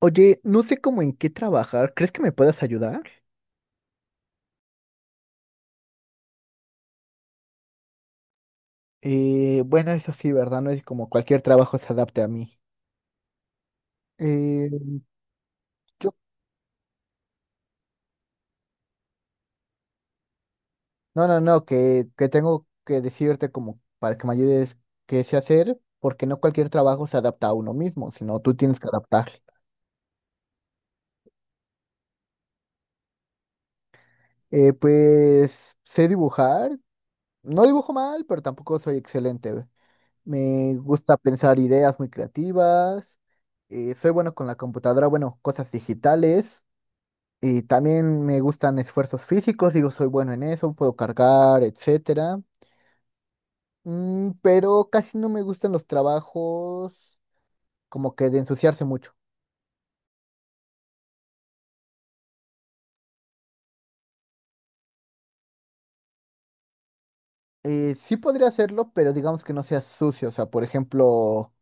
Oye, no sé cómo en qué trabajar. ¿Crees que me puedas ayudar? Bueno, eso sí, ¿verdad? No es como cualquier trabajo se adapte a mí. Eh, yo- no, que tengo que decirte como para que me ayudes qué sé hacer, porque no cualquier trabajo se adapta a uno mismo, sino tú tienes que adaptar. Pues sé dibujar. No dibujo mal, pero tampoco soy excelente. Me gusta pensar ideas muy creativas. Soy bueno con la computadora, bueno, cosas digitales. Y también me gustan esfuerzos físicos, digo, soy bueno en eso, puedo cargar, etcétera. Pero casi no me gustan los trabajos como que de ensuciarse mucho. Sí podría hacerlo, pero digamos que no sea sucio. O sea, por ejemplo,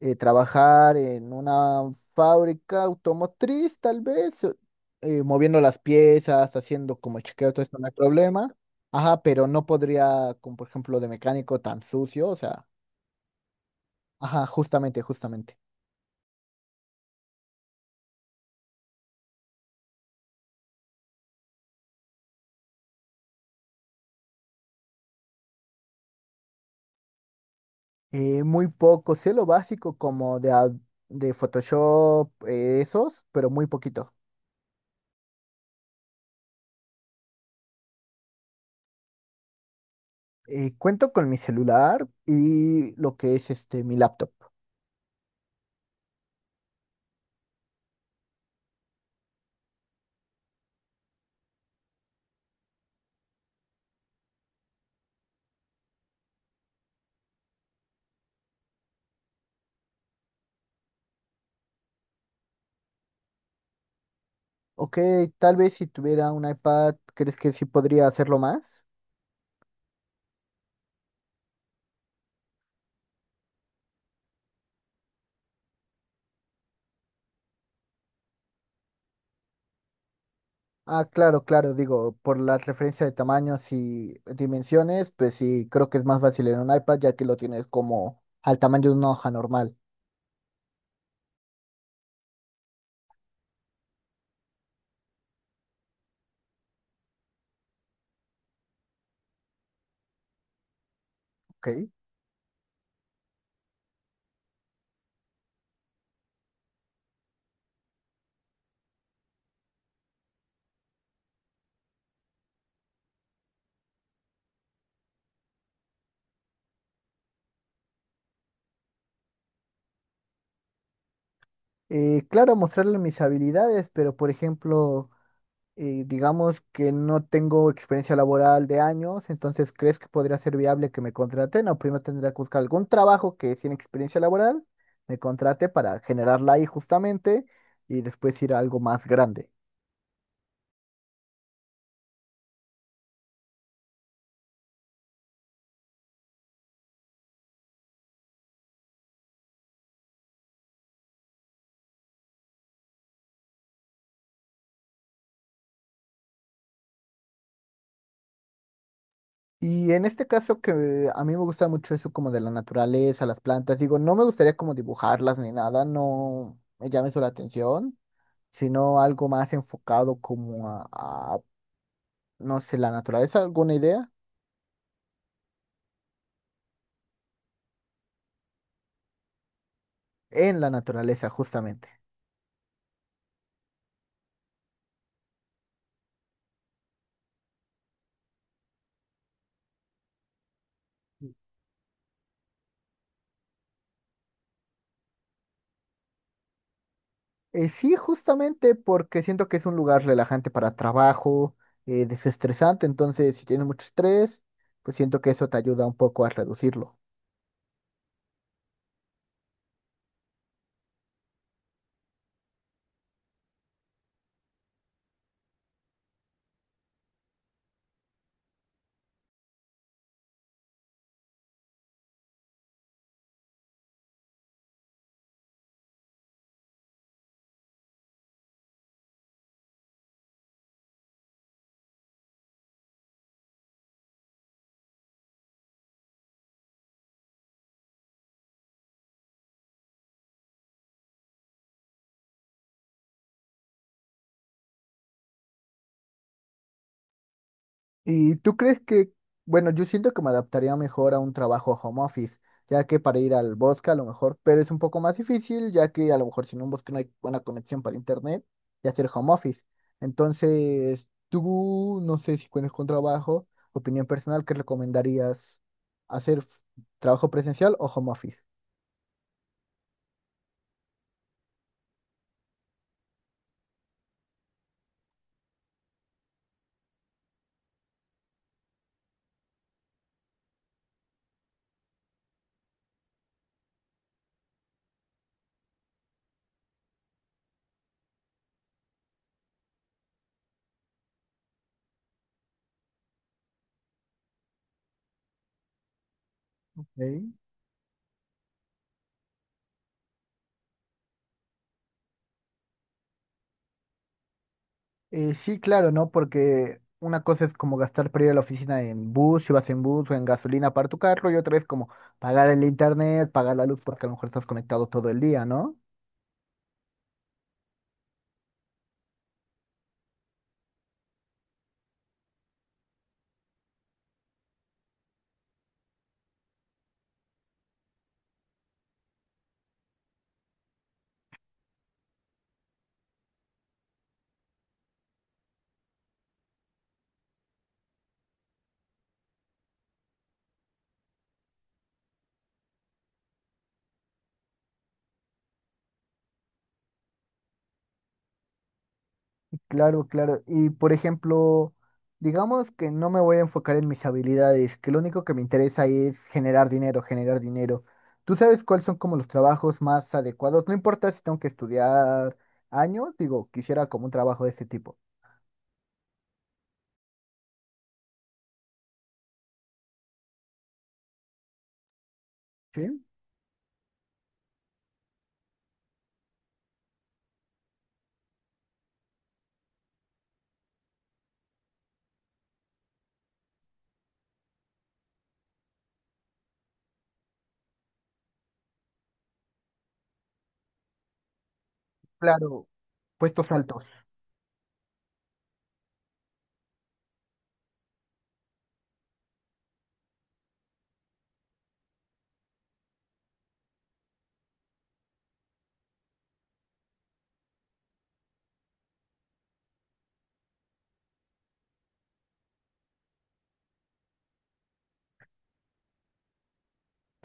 trabajar en una fábrica automotriz, tal vez, moviendo las piezas, haciendo como el chequeo, todo esto no hay problema. Ajá, pero no podría, como por ejemplo de mecánico tan sucio, o sea, ajá, justamente, justamente. Muy poco, sé lo básico como de Photoshop, esos, pero muy poquito. Cuento con mi celular y lo que es este mi laptop. Ok, tal vez si tuviera un iPad, ¿crees que sí podría hacerlo más? Ah, claro, claro, digo, por la referencia de tamaños y dimensiones, pues sí, creo que es más fácil en un iPad ya que lo tienes como al tamaño de una hoja normal, ¿ok? Claro, mostrarle mis habilidades, pero por ejemplo... Y digamos que no tengo experiencia laboral de años, entonces ¿crees que podría ser viable que me contraten? O primero tendría que buscar algún trabajo que sin experiencia laboral me contrate para generarla ahí justamente y después ir a algo más grande. Y en este caso que a mí me gusta mucho eso como de la naturaleza, las plantas, digo, no me gustaría como dibujarlas ni nada, no me llama eso la atención, sino algo más enfocado como no sé, la naturaleza, alguna idea en la naturaleza justamente. Sí, justamente porque siento que es un lugar relajante para trabajo, desestresante, entonces si tienes mucho estrés, pues siento que eso te ayuda un poco a reducirlo. ¿Y tú crees que, bueno, yo siento que me adaptaría mejor a un trabajo home office, ya que para ir al bosque a lo mejor, pero es un poco más difícil, ya que a lo mejor si en un bosque no hay buena conexión para internet y hacer home office? Entonces, tú, no sé si cuentas con trabajo, opinión personal, ¿qué recomendarías hacer trabajo presencial o home office? Ok. Sí, claro, ¿no? Porque una cosa es como gastar para ir a la oficina en bus, si vas en bus o en gasolina para tu carro, y otra es como pagar el internet, pagar la luz, porque a lo mejor estás conectado todo el día, ¿no? Y claro, claro. Y por ejemplo, digamos que no me voy a enfocar en mis habilidades, que lo único que me interesa es generar dinero, generar dinero. ¿Tú sabes cuáles son como los trabajos más adecuados? No importa si tengo que estudiar años, digo, quisiera como un trabajo de ese tipo. Sí, claro, puestos altos.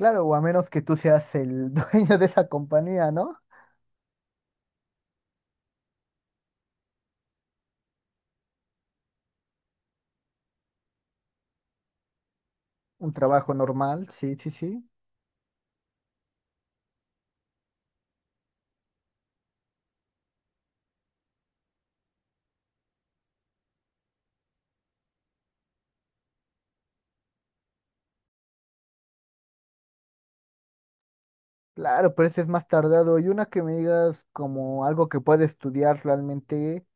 Claro, o a menos que tú seas el dueño de esa compañía, ¿no? Un trabajo normal, sí, sí, sí. Claro, pero ese es más tardado. Y una que me digas como algo que puede estudiar realmente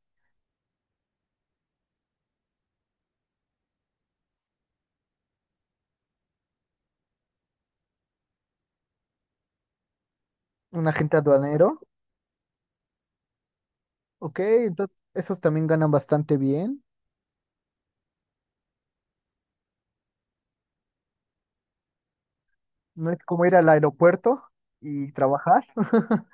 un agente aduanero, ok, entonces esos también ganan bastante bien. No es como ir al aeropuerto y trabajar.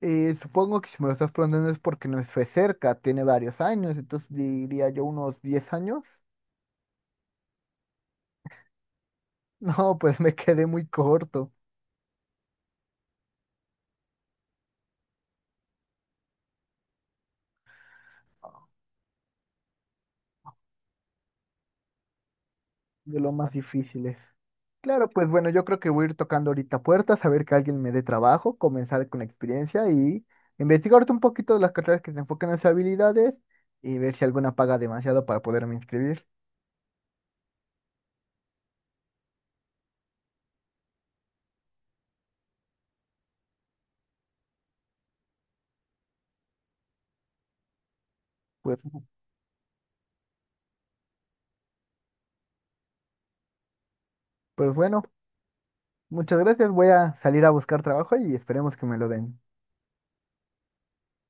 Supongo que si me lo estás preguntando es porque no fue cerca, tiene varios años, entonces diría yo unos 10 años. No, pues me quedé muy corto de lo más difíciles. Claro, pues bueno, yo creo que voy a ir tocando ahorita puertas, a ver que alguien me dé trabajo, comenzar con la experiencia y investigarte un poquito de las carreras que se enfocan en las habilidades y ver si alguna paga demasiado para poderme inscribir. Pues, pues bueno, muchas gracias, voy a salir a buscar trabajo y esperemos que me lo den.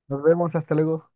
Nos vemos, hasta luego.